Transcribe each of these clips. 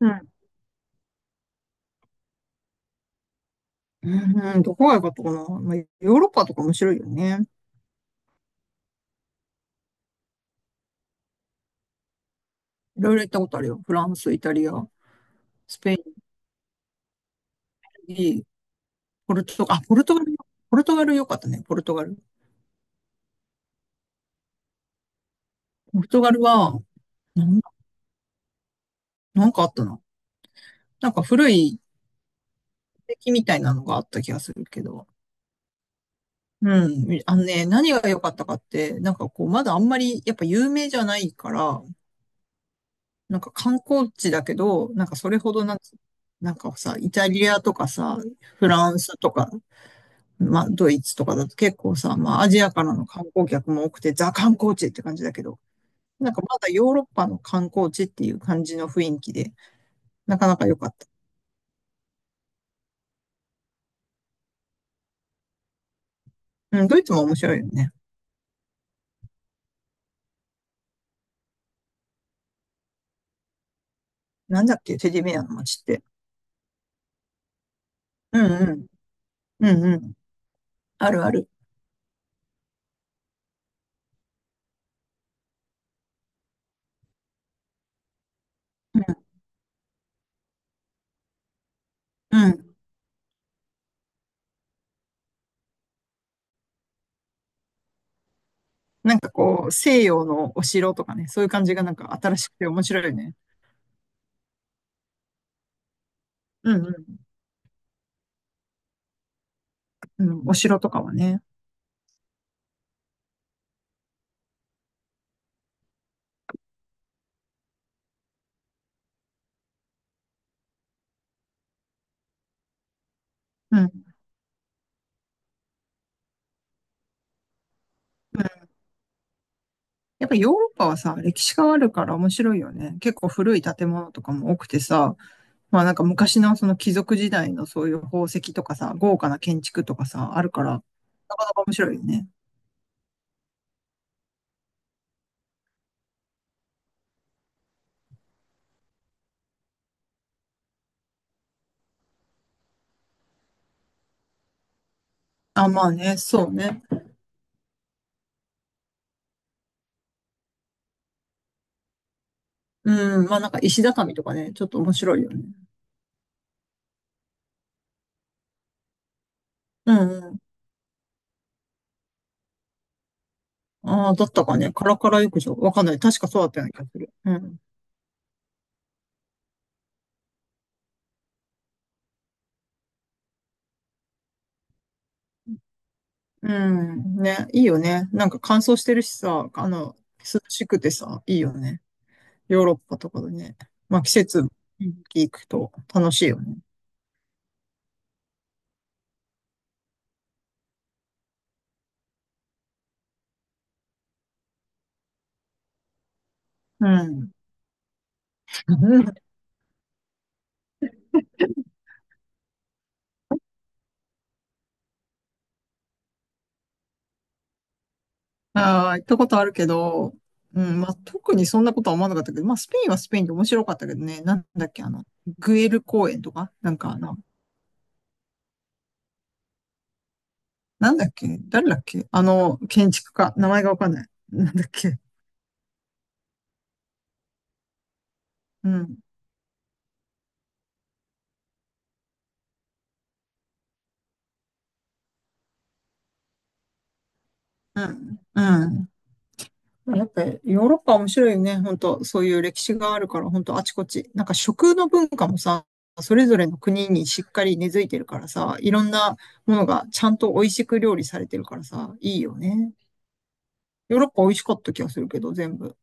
うん。うん、うん、どこが良かったかな。まあ、ヨーロッパとか面白いよね。いろいろ行ったことあるよ。フランス、イタリア、スペイン、ベルギー、ポルトガル、あ、ポルトガル、ポルトガル良かったね、ポルトガル。ポルトガルは、なんだ、なんかあったな。なんか古い遺跡みたいなのがあった気がするけど。うん。あのね、何が良かったかって、なんかこう、まだあんまり、やっぱ有名じゃないから、なんか観光地だけど、なんかそれほどなんつ、なんかさ、イタリアとかさ、フランスとか、まあ、ドイツとかだと結構さ、まあ、アジアからの観光客も多くて、ザ観光地って感じだけど、なんかまだヨーロッパの観光地っていう感じの雰囲気で、なかなか良かった。うん、ドイツも面白いよね。なんだっけ、テディベアの街って。うんうん、うんうん、あるある。うん、うん。なんかこう、西洋のお城とかね、そういう感じがなんか新しくて面白いよね。うんうん、うん、お城とかはね。うん、うん。やっぱヨーロッパはさ、歴史があるから面白いよね。結構古い建物とかも多くてさ、まあなんか昔のその貴族時代のそういう宝石とかさ、豪華な建築とかさ、あるから、なかなか面白いよね。あ、まあね、そうね。うん、まあなんか石畳とかね、ちょっと面白いよね。うんうん。ああ、だったかね。カラカラ浴場。わかんない。確かそうだったような気がする。うん。うん。ね、いいよね。なんか乾燥してるしさ、あの、涼しくてさ、いいよね。ヨーロッパとかでね。まあ季節、行くと楽しいよね。うん。ああ、行ったことあるけど、うん、まあ、特にそんなことは思わなかったけど、まあ、スペインはスペインで面白かったけどね、なんだっけ、あの、グエル公園とか、なんかあの、なんだっけ、誰だっけ、あの、建築家、名前がわかんない。なんだっけ、うん、うん、うん。やっぱりヨーロッパ面白いよね、本当そういう歴史があるから、本当あちこち。なんか食の文化もさ、それぞれの国にしっかり根付いてるからさ、いろんなものがちゃんと美味しく料理されてるからさ、いいよね。ヨーロッパ美味しかった気がするけど、全部。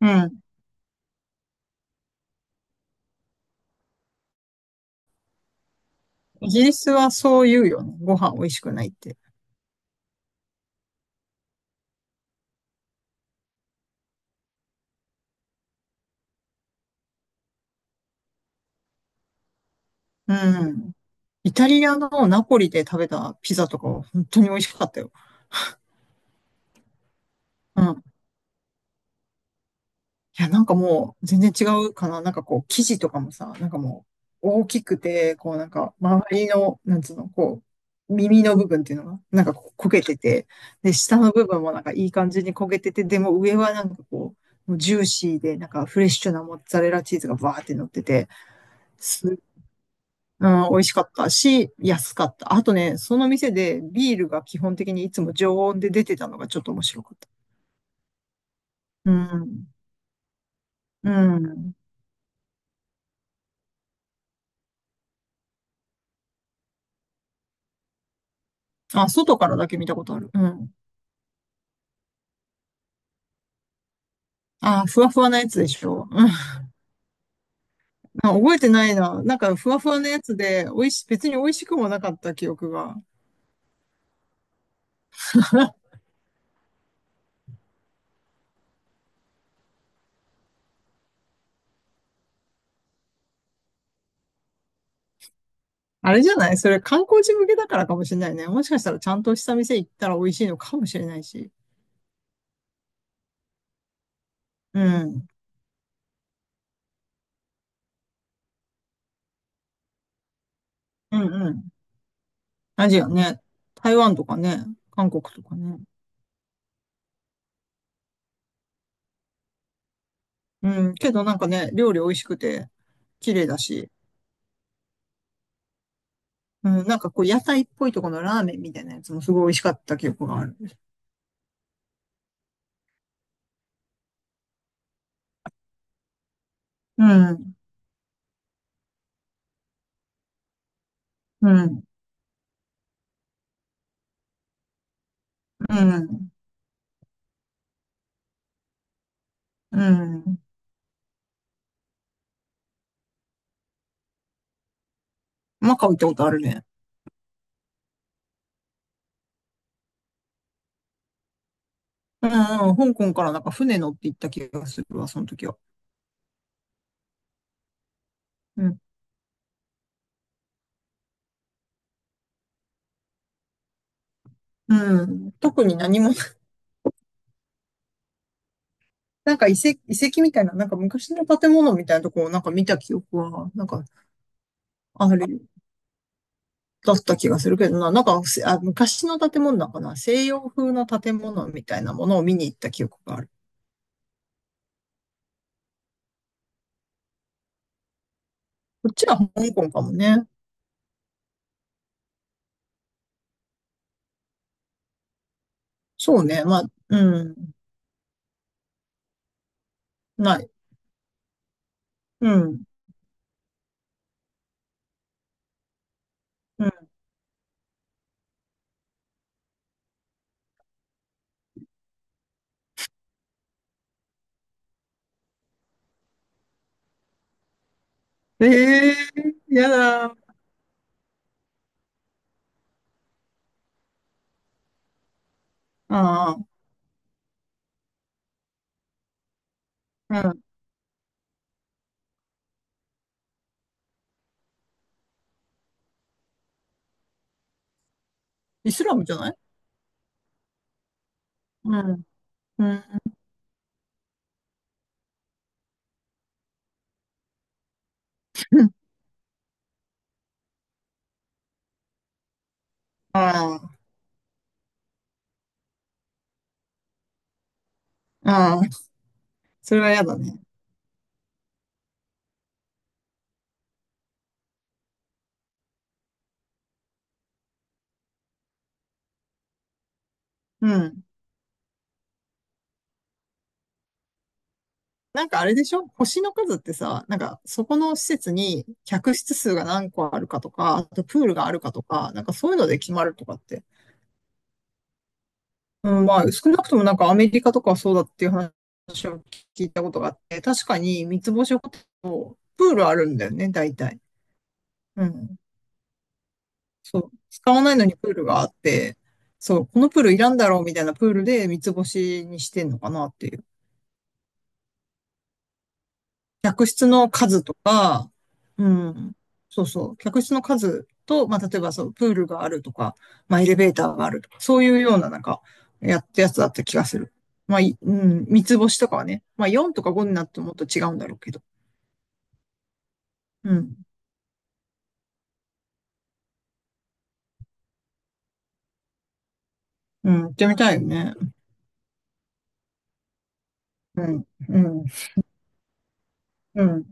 うん。イギリスはそう言うよね。ご飯美味しくないって。うん。イタリアのナポリで食べたピザとかは本当に美味しかったよ。うん。いや、なんかもう全然違うかな。なんかこう、生地とかもさ、なんかもう大きくて、こうなんか周りの、なんつうの、こう、耳の部分っていうのが、なんかこう焦げてて、で、下の部分もなんかいい感じに焦げてて、でも上はなんかこう、もうジューシーで、なんかフレッシュなモッツァレラチーズがバーって乗ってて、すうん、美味しかったし、安かった。あとね、その店でビールが基本的にいつも常温で出てたのがちょっと面白かった。うん。うん。あ、外からだけ見たことある。うん。あ、ふわふわなやつでしょ。うん。あ、覚えてないな。なんか、ふわふわなやつで、美味し、別に美味しくもなかった記憶が。あれじゃないそれ観光地向けだからかもしれないね。もしかしたらちゃんとした店行ったら美味しいのかもしれないし。うん。うんうん。アジアね。台湾とかね。韓国とかね。うん、けどなんかね、料理美味しくて、綺麗だし、うん、なんかこう屋台っぽいとこのラーメンみたいなやつもすごい美味しかった記憶がある。うん、うん、うん、うん。マカオ行ったことあるね。うん、うん、香港からなんか船乗って行った気がするわ、その時は。うん、うん。特に何も、なんか遺跡、遺跡みたいな、なんか昔の建物みたいなとこをなんか見た記憶は、なんかある、だった気がするけどな、なんか、あ、昔の建物だかな、西洋風の建物みたいなものを見に行った記憶がある。こっちは香港かもね。そうね、まあ、うん、ない。うん、うん。ええー、やだ。ああ、うん。イスラムじゃない、うん、うん。ああ、ああ、それはやだね。うん。なんかあれでしょ、星の数ってさ、なんかそこの施設に客室数が何個あるかとか、あとプールがあるかとか、なんかそういうので決まるとかって。うん、まあ、少なくともなんかアメリカとかはそうだっていう話を聞いたことがあって、三つ星ホテルとプールあるんだよね、大体。うん。そう。使わないのにプールがあって、そう、このプールいらんだろうみたいなプールで三つ星にしてんのかなっていう。客室の数とか、うん、そうそう、客室の数と、まあ、例えばそう、プールがあるとか、まあ、エレベーターがあるとか、そういうような、なんか、やったやつだった気がする。まあ、いうん、三つ星とかはね、まあ、4とか5になってもっと違うんだろうけど。うん、うん、行ってみたいよね。うん、うん、うん。